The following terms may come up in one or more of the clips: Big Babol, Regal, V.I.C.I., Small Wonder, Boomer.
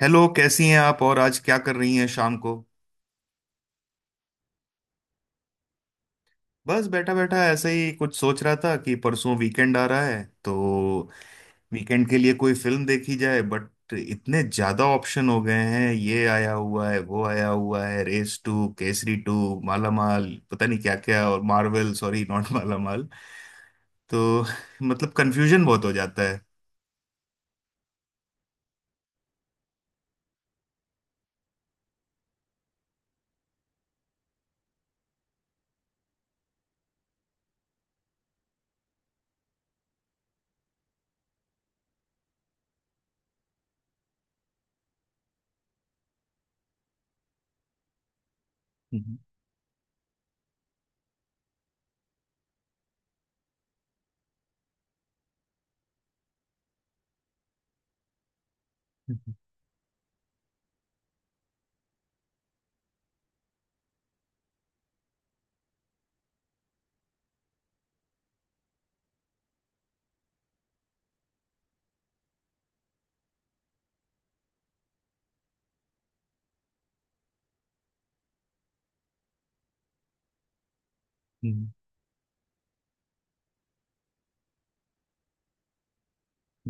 Hello, कैसी हैं आप? और आज क्या कर रही हैं शाम को? बस बैठा बैठा ऐसे ही कुछ सोच रहा था कि परसों वीकेंड आ रहा है तो वीकेंड के लिए कोई फिल्म देखी जाए, बट इतने ज्यादा ऑप्शन हो गए हैं। ये आया हुआ है, वो आया हुआ है, race two, Kesari two, Malamaal, पता नहीं क्या क्या, और Marvel, sorry not Malamaal. तो मतलब कंफ्यूजन बहुत हो जाता है। हम्म।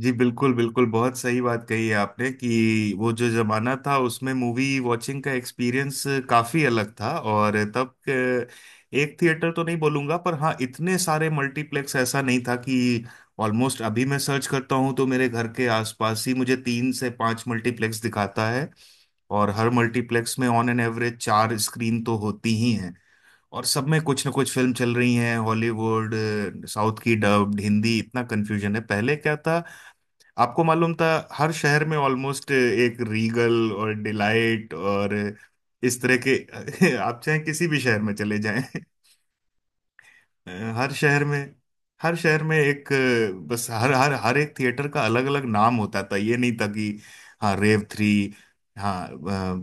जी, बिल्कुल बिल्कुल, बहुत सही बात कही है आपने कि वो जो जमाना था उसमें मूवी वॉचिंग का एक्सपीरियंस काफी अलग था। और एक थिएटर तो नहीं बोलूंगा, पर हाँ, इतने सारे मल्टीप्लेक्स ऐसा नहीं था कि ऑलमोस्ट। अभी मैं सर्च करता हूँ तो मेरे घर के आसपास ही मुझे तीन से पांच मल्टीप्लेक्स दिखाता है। और हर मल्टीप्लेक्स में ऑन एन एवरेज चार स्क्रीन तो होती ही हैं। और सब में कुछ ना कुछ फिल्म चल रही हैं, हॉलीवुड, साउथ की डब्ड, हिंदी, इतना कन्फ्यूजन है। पहले क्या था? आपको मालूम था, हर शहर में ऑलमोस्ट एक रीगल और डिलाइट और इस तरह के आप चाहे किसी भी शहर में चले जाएं, अ, हर शहर में हर शहर में एक, बस हर हर हर एक थिएटर का अलग अलग नाम होता था, ये नहीं था कि हाँ, रेव थ्री, हाँ,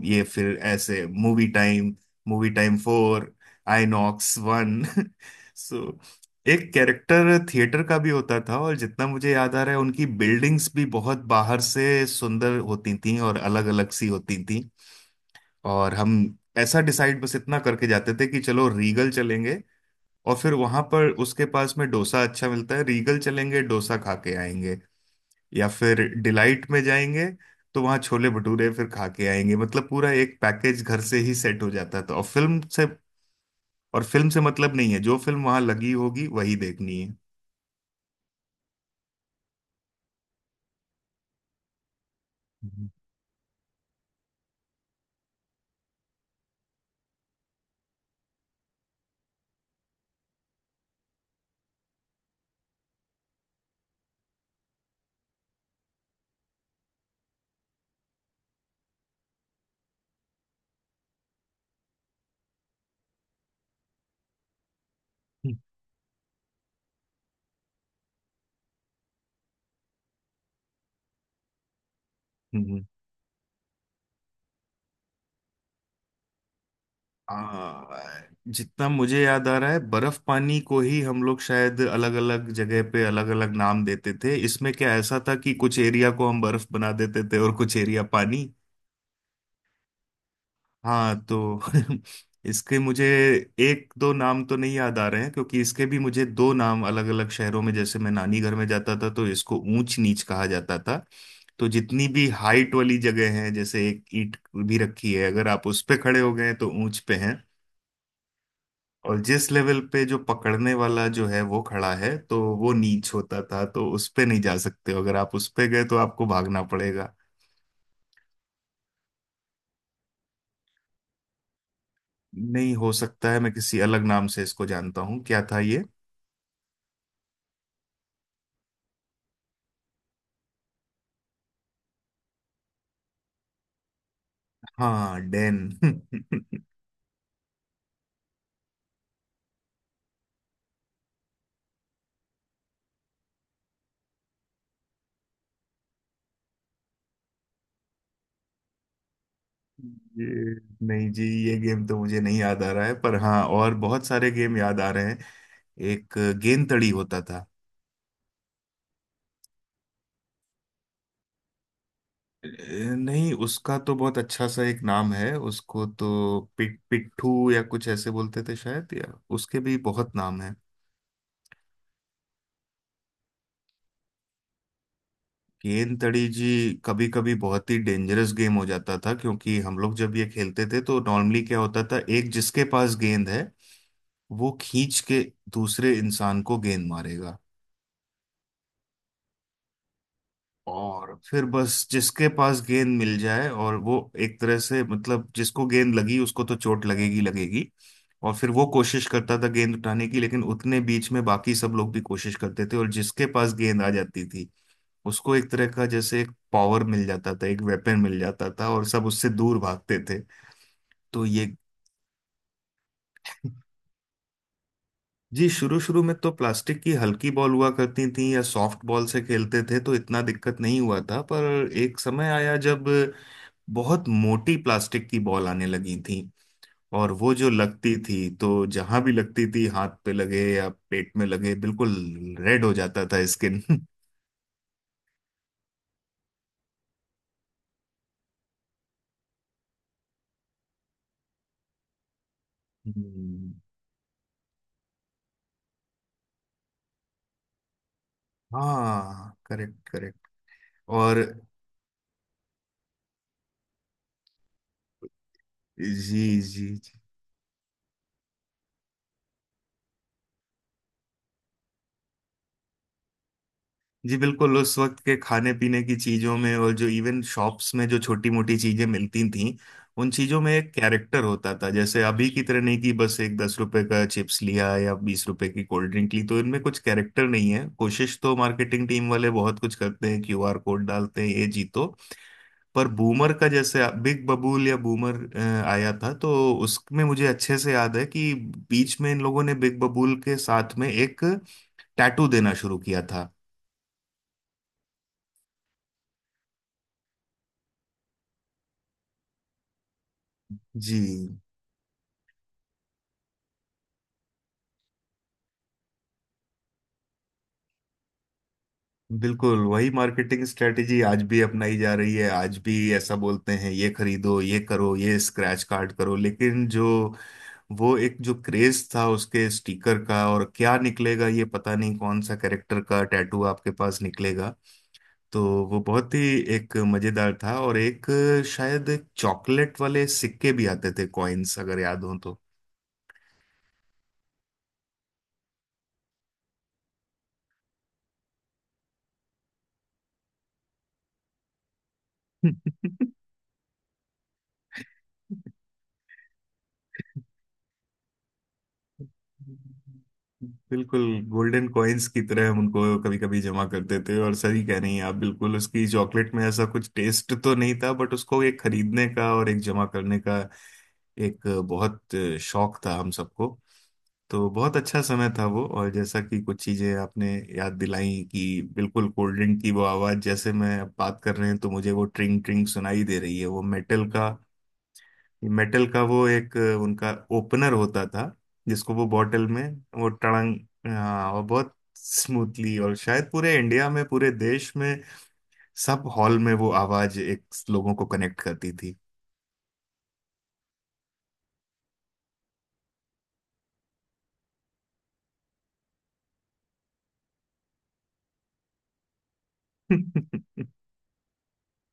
ये फिर ऐसे movie time, movie time four, INOX one so एक कैरेक्टर थिएटर का भी होता था, और जितना मुझे याद आ रहा है उनकी बिल्डिंग्स भी बहुत बाहर से सुंदर होती थी और अलग अलग सी होती थी। और हम ऐसा डिसाइड बस इतना करके जाते थे कि चलो रीगल चलेंगे, और फिर वहां पर उसके पास में डोसा अच्छा मिलता है, रीगल चलेंगे, डोसा खा के आएंगे। या फिर डिलाइट में जाएंगे तो वहाँ छोले भटूरे फिर खा के आएंगे। मतलब पूरा एक पैकेज घर से ही सेट हो जाता है तो। और फिल्म से, और फिल्म से मतलब नहीं है, जो फिल्म वहां लगी होगी वही देखनी है। हम्म। हम्म। आ, जितना मुझे याद आ रहा है बर्फ पानी को ही हम लोग शायद अलग अलग जगह पे अलग अलग नाम देते थे। इसमें क्या ऐसा था कि कुछ एरिया को हम बर्फ बना देते थे और कुछ एरिया पानी। हाँ, तो इसके मुझे एक दो नाम तो नहीं याद आ रहे हैं, क्योंकि इसके भी मुझे दो नाम अलग अलग शहरों में। जैसे मैं नानी घर में जाता था तो इसको ऊंच नीच कहा जाता था। तो जितनी भी हाइट वाली जगह है, जैसे एक ईंट भी रखी है, अगर आप उस पे खड़े हो गए तो ऊंच पे हैं। और जिस लेवल पे जो पकड़ने वाला जो है वो खड़ा है, तो वो नीच होता था, तो उस पे नहीं जा सकते हो, अगर आप उस पे गए तो आपको भागना पड़ेगा। नहीं, हो सकता है मैं किसी अलग नाम से इसको जानता हूँ। क्या था? हाँ, डेन ये, नहीं जी, ये गेम तो मुझे नहीं याद आ रहा है, पर हाँ, और बहुत सारे गेम याद आ रहे हैं। एक गेंद तड़ी होता था। अ, नहीं, उसका तो बहुत अच्छा सा एक नाम है, उसको तो पिट पिट्ठू या कुछ ऐसे बोलते थे शायद, या उसके भी बहुत नाम है। गेंद तड़ी जी। कभी कभी बहुत ही डेंजरस गेम हो जाता था, क्योंकि हम लोग जब ये खेलते थे तो नॉर्मली क्या होता था, एक जिसके पास गेंद है वो खींच के दूसरे इंसान को गेंद मारेगा। और फिर बस जिसके पास गेंद मिल जाए, और वो एक तरह से, मतलब जिसको गेंद लगी उसको तो चोट लगेगी लगेगी। और फिर वो कोशिश करता था गेंद उठाने की, लेकिन उतने बीच में बाकी सब लोग भी कोशिश करते थे, और जिसके पास गेंद आ जाती थी उसको एक तरह का जैसे एक पावर मिल जाता था, एक वेपन मिल जाता था, और सब उससे दूर भागते थे। तो ये जी, शुरू शुरू में तो प्लास्टिक की हल्की बॉल हुआ करती थी या सॉफ्ट बॉल से खेलते थे तो इतना दिक्कत नहीं हुआ था, पर एक समय आया जब बहुत मोटी प्लास्टिक की बॉल आने लगी थी, और वो जो लगती थी, तो जहां भी लगती थी, हाथ पे लगे या पेट में लगे, बिल्कुल रेड हो जाता था स्किन हम्म। हाँ, करेक्ट करेक्ट। और जी जी जी जी। बिल्कुल, उस वक्त के खाने पीने की चीजों में, और जो इवन शॉप्स में जो छोटी मोटी चीजें मिलती थीं, उन चीजों में एक कैरेक्टर होता था। जैसे अभी की तरह नहीं कि बस एक 10 रुपए का चिप्स लिया या 20 रुपए की कोल्ड ड्रिंक ली तो इनमें कुछ कैरेक्टर नहीं है। कोशिश तो मार्केटिंग टीम वाले बहुत कुछ करते हैं, QR कोड डालते हैं, ये जीतो। पर बूमर का, जैसे बिग बबूल या बूमर आया था, तो उसमें मुझे अच्छे से याद है कि बीच में इन लोगों ने बिग बबूल के साथ में एक टैटू देना शुरू किया था। जी, बिल्कुल वही मार्केटिंग स्ट्रेटेजी आज भी अपनाई जा रही है। आज भी ऐसा बोलते हैं ये खरीदो, ये करो, ये स्क्रैच कार्ड करो, लेकिन जो वो एक जो क्रेज था उसके स्टिकर का, और क्या निकलेगा ये पता नहीं, कौन सा कैरेक्टर का टैटू आपके पास निकलेगा। तो वो बहुत ही एक मजेदार था। और एक शायद चॉकलेट वाले सिक्के भी आते थे, कॉइन्स, अगर याद हो तो बिल्कुल, गोल्डन कॉइन्स की तरह हम उनको कभी कभी जमा करते थे, और सही कह रही हैं आप, बिल्कुल उसकी चॉकलेट में ऐसा कुछ टेस्ट तो नहीं था, बट उसको एक खरीदने का और एक जमा करने का एक बहुत शौक था हम सबको। तो बहुत अच्छा समय था वो। और जैसा कि कुछ चीजें आपने याद दिलाई कि बिल्कुल कोल्ड ड्रिंक की वो आवाज, जैसे मैं अब बात कर रहे हैं तो मुझे वो ट्रिंग ट्रिंग सुनाई दे रही है, वो मेटल का, मेटल का वो एक उनका ओपनर होता था जिसको वो बॉटल में, वो टड़ंग। हाँ, और बहुत स्मूथली और शायद पूरे इंडिया में, पूरे देश में सब हॉल में वो आवाज एक लोगों को कनेक्ट करती थी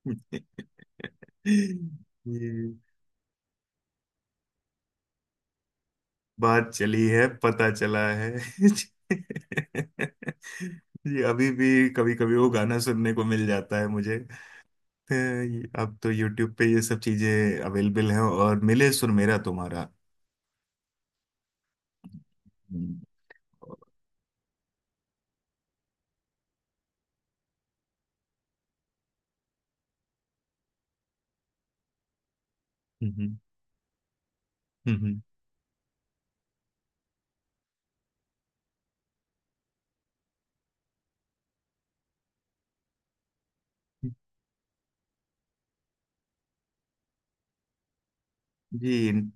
ये बात चली है, पता चला है जी, अभी भी कभी कभी वो गाना सुनने को मिल जाता है मुझे। अब तो YouTube पे ये सब चीजें अवेलेबल हैं, और मिले सुर मेरा तुम्हारा। हम्म। हम्म। हम्म। जी।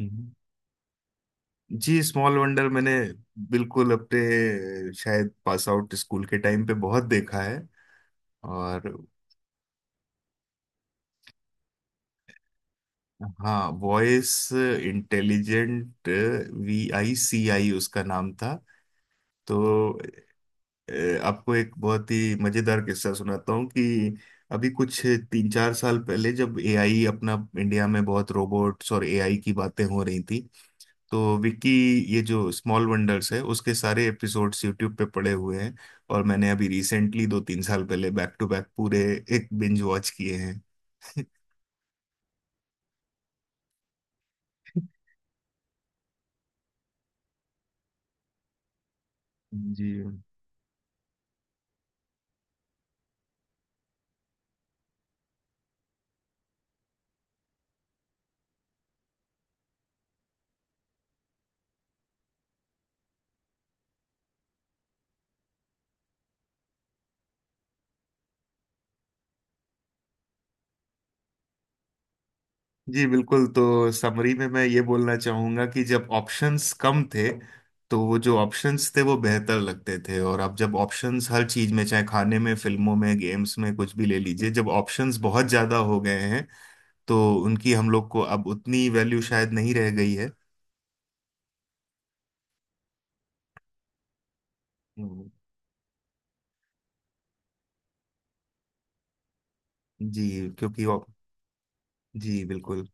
हम्म। जी, स्मॉल वंडर मैंने बिल्कुल अपने शायद पास आउट स्कूल के टाइम पे बहुत देखा है। और हाँ, वॉइस इंटेलिजेंट, VICI उसका नाम था। तो आपको एक बहुत ही मजेदार किस्सा सुनाता हूँ कि अभी कुछ 3-4 साल पहले जब AI अपना, इंडिया में बहुत रोबोट्स और AI की बातें हो रही थी, तो विकी, ये जो स्मॉल वंडर्स है उसके सारे एपिसोड्स यूट्यूब पे पड़े हुए हैं। और मैंने अभी रिसेंटली 2-3 साल पहले बैक टू बैक पूरे एक बिंज वॉच किए हैं जी। जी, बिल्कुल। तो समरी में मैं ये बोलना चाहूंगा कि जब ऑप्शंस कम थे तो वो जो ऑप्शंस थे वो बेहतर लगते थे, और अब जब ऑप्शंस हर चीज में, चाहे खाने में, फिल्मों में, गेम्स में, कुछ भी ले लीजिए, जब ऑप्शंस बहुत ज्यादा हो गए हैं तो उनकी हम लोग को अब उतनी वैल्यू शायद नहीं रह गई है। हम्म। जी, क्योंकि जी, बिल्कुल।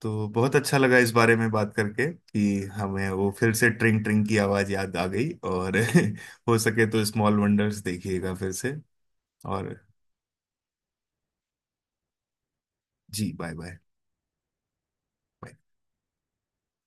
तो बहुत अच्छा लगा इस बारे में बात करके कि हमें वो फिर से ट्रिंग ट्रिंग की आवाज याद आ गई, और हो सके तो स्मॉल वंडर्स देखिएगा फिर से। और जी, बाय बाय।